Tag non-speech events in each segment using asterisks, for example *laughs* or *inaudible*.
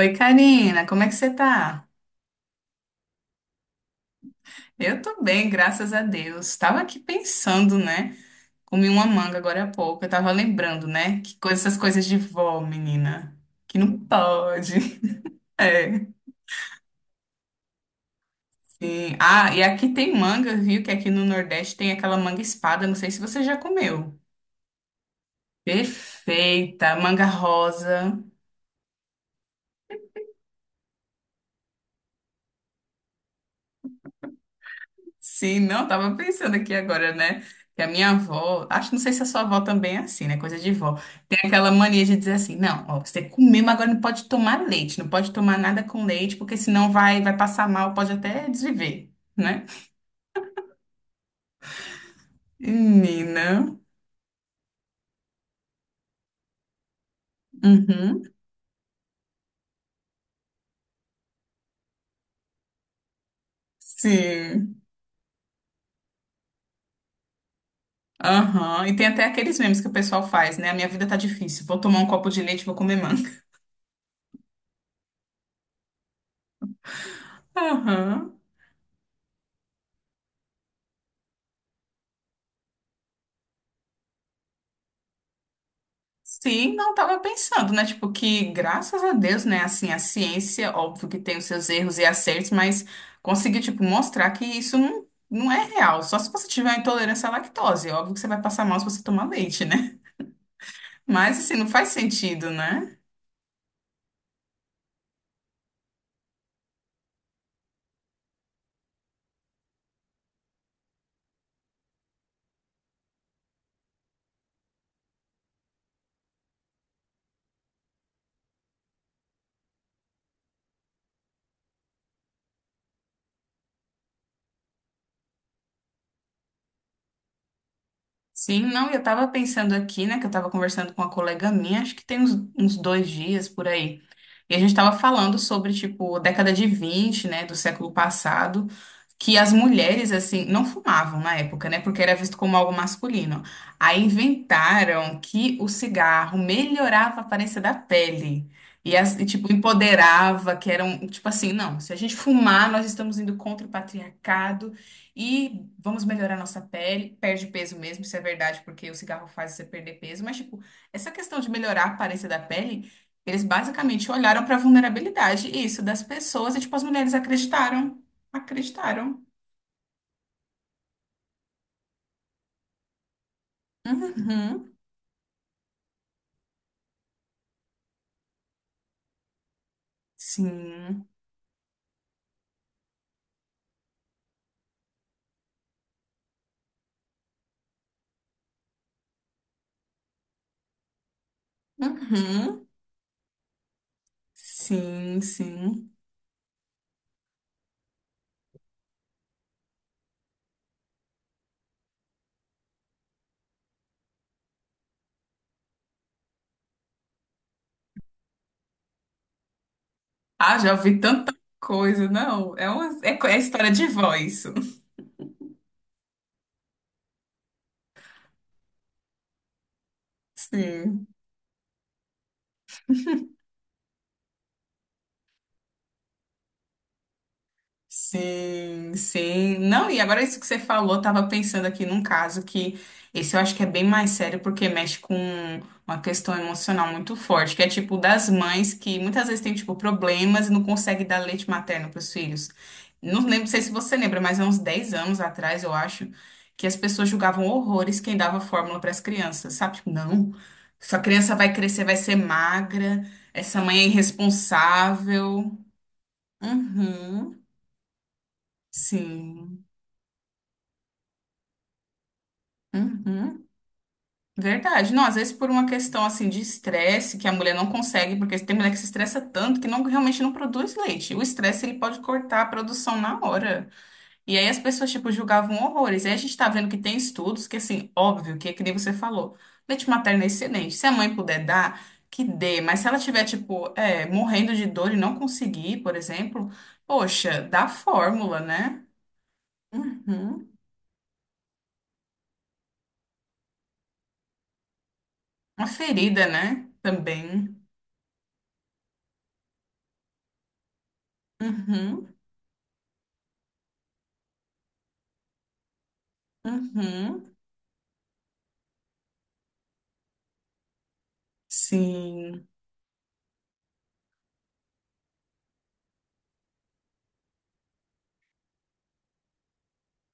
Oi, Karina, como é que você tá? Eu tô bem, graças a Deus. Tava aqui pensando, né? Comi uma manga agora há pouco. Eu tava lembrando, né? Que coisas, essas coisas de vó, menina. Que não pode. *laughs* É, sim. Ah, e aqui tem manga, viu? Que aqui no Nordeste tem aquela manga espada. Não sei se você já comeu. Perfeita, manga rosa. Sim, não, eu tava pensando aqui agora, né? Que a minha avó, acho, não sei se a sua avó também é assim, né? Coisa de vó. Tem aquela mania de dizer assim, não, ó, você comeu mas agora não pode tomar leite, não pode tomar nada com leite, porque senão vai passar mal, pode até desviver, né? Menina. Uhum. Sim. Aham. E tem até aqueles memes que o pessoal faz, né? A minha vida tá difícil, vou tomar um copo de leite, vou comer manga. Aham. Sim, não estava pensando, né? Tipo, que graças a Deus, né? Assim, a ciência, óbvio que tem os seus erros e acertos, mas conseguiu, tipo, mostrar que isso não é real. Só se você tiver uma intolerância à lactose. Óbvio que você vai passar mal se você tomar leite, né? *laughs* Mas, assim, não faz sentido, né? Sim, não, e eu tava pensando aqui, né? Que eu tava conversando com uma colega minha, acho que tem uns 2 dias por aí. E a gente estava falando sobre, tipo, década de 20, né, do século passado, que as mulheres, assim, não fumavam na época, né, porque era visto como algo masculino. Aí inventaram que o cigarro melhorava a aparência da pele. Tipo, empoderava, que eram, tipo assim, não, se a gente fumar, nós estamos indo contra o patriarcado e vamos melhorar nossa pele. Perde peso mesmo, isso é verdade, porque o cigarro faz você perder peso, mas, tipo, essa questão de melhorar a aparência da pele eles basicamente olharam para a vulnerabilidade, isso, das pessoas, e tipo, as mulheres acreditaram. Acreditaram. Uhum. Sim. Uhum. Sim, sim. Ah, já ouvi tanta coisa, não. É uma, é história de vó, isso. *laughs* Sim. Sim, sim. Não, e agora isso que você falou, eu tava pensando aqui num caso que esse eu acho que é bem mais sério porque mexe com uma questão emocional muito forte, que é tipo das mães que muitas vezes têm tipo problemas e não conseguem dar leite materno para os filhos. Não lembro, não sei se você lembra, mas há uns 10 anos atrás, eu acho, que as pessoas julgavam horrores quem dava fórmula para as crianças, sabe? Tipo, não, sua criança vai crescer, vai ser magra, essa mãe é irresponsável. Uhum. Sim. Uhum, verdade. Não, às vezes por uma questão assim de estresse que a mulher não consegue, porque tem mulher que se estressa tanto que não realmente não produz leite. O estresse ele pode cortar a produção na hora. E aí as pessoas tipo julgavam horrores. E aí a gente tá vendo que tem estudos que assim, óbvio, que é que nem você falou, leite materno é excelente. Se a mãe puder dar, que dê, mas se ela tiver tipo, morrendo de dor e não conseguir, por exemplo, poxa, dá fórmula, né? Uhum. Uma ferida, né? Também. Uhum. Uhum, sim.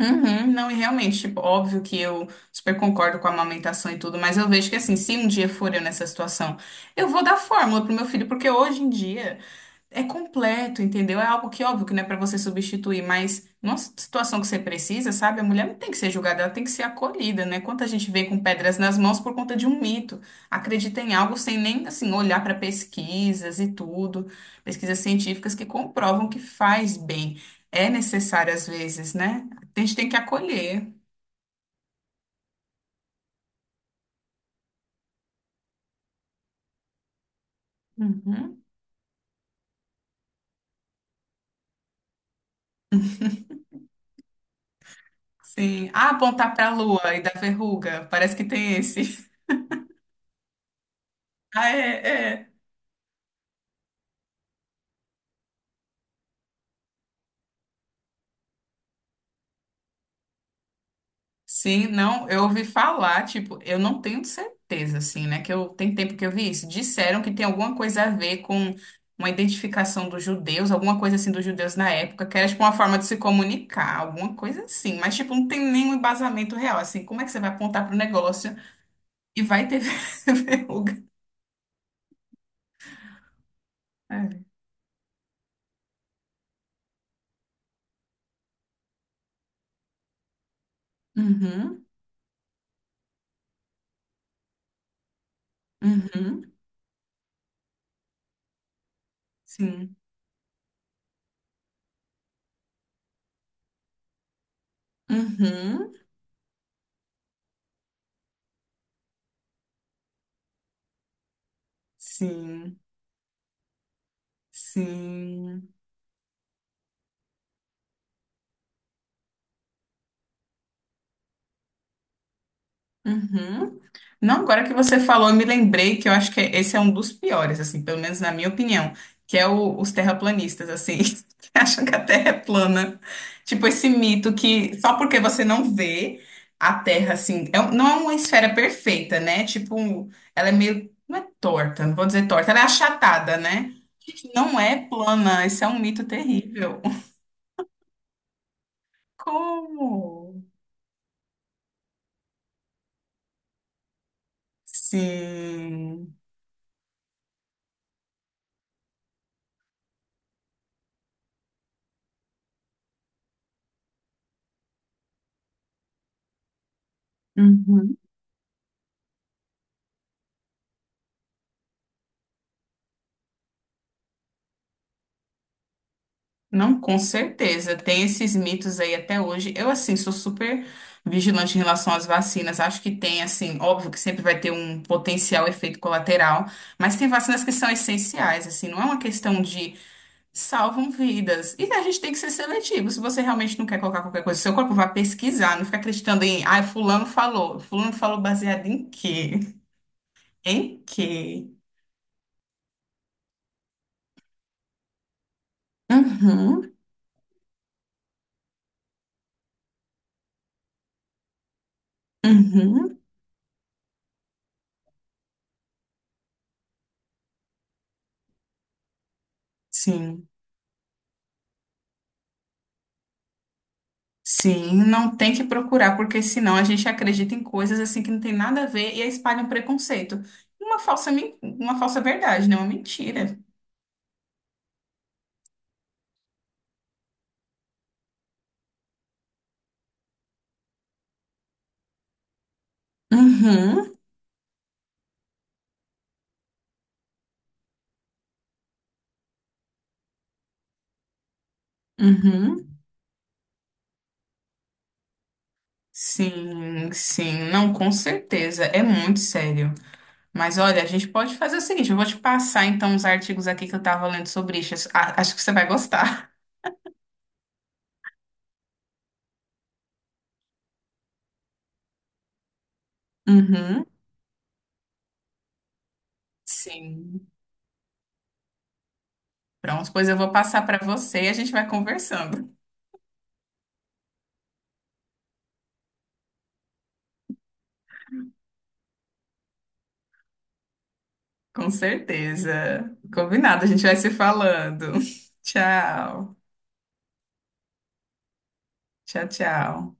Uhum, não, e realmente, tipo, óbvio que eu super concordo com a amamentação e tudo, mas eu vejo que assim, se um dia for eu nessa situação, eu vou dar fórmula pro meu filho, porque hoje em dia é completo, entendeu? É algo que, óbvio, que não é para você substituir, mas numa situação que você precisa, sabe? A mulher não tem que ser julgada, ela tem que ser acolhida, né? Quanta gente vem com pedras nas mãos por conta de um mito, acredita em algo sem nem, assim, olhar para pesquisas e tudo, pesquisas científicas que comprovam que faz bem. É necessário às vezes, né? A gente tem que acolher. Uhum. Sim. Ah, apontar para a lua e dar verruga, parece que tem esse. *laughs* Ah, é, é. Sim, não, eu ouvi falar, tipo, eu não tenho certeza, assim, né? Que eu tem tempo que eu vi isso. Disseram que tem alguma coisa a ver com uma identificação dos judeus, alguma coisa assim dos judeus na época, que era tipo uma forma de se comunicar, alguma coisa assim. Mas, tipo, não tem nenhum embasamento real, assim. Como é que você vai apontar pro negócio e vai ter *laughs* verruga? É. Uhum, uhum, sim. Uhum, sim, sim. Uhum. Não, agora que você falou, eu me lembrei que eu acho que esse é um dos piores, assim, pelo menos na minha opinião, os terraplanistas, assim, *laughs* que acham que a Terra é plana. Tipo, esse mito que só porque você não vê a Terra, assim, não é uma esfera perfeita, né? Tipo, ela é meio, não é torta, não vou dizer torta, ela é achatada, né? Gente, não é plana, esse é um mito terrível. *laughs* Como? Sim. Uhum. Não, com certeza. Tem esses mitos aí até hoje. Eu, assim, sou super vigilante em relação às vacinas. Acho que tem, assim, óbvio que sempre vai ter um potencial efeito colateral, mas tem vacinas que são essenciais, assim, não é uma questão de salvam vidas. E a gente tem que ser seletivo. Se você realmente não quer colocar qualquer coisa, no seu corpo vai pesquisar, não fica acreditando em, ah, fulano falou. Fulano falou baseado em quê? Em quê? Uhum, uhum, sim. Sim, não tem que procurar, porque senão a gente acredita em coisas assim que não tem nada a ver e aí espalha um preconceito. Uma uma falsa verdade, né? Uma mentira. Uhum, uhum. Sim, sim, não, com certeza, é muito sério. Mas olha, a gente pode fazer o seguinte, eu vou te passar então os artigos aqui que eu tava lendo sobre isso, acho que você vai gostar. Uhum. Sim. Pronto, pois eu vou passar para você e a gente vai conversando. Com certeza. Combinado, a gente vai se falando. *laughs* Tchau. Tchau, tchau.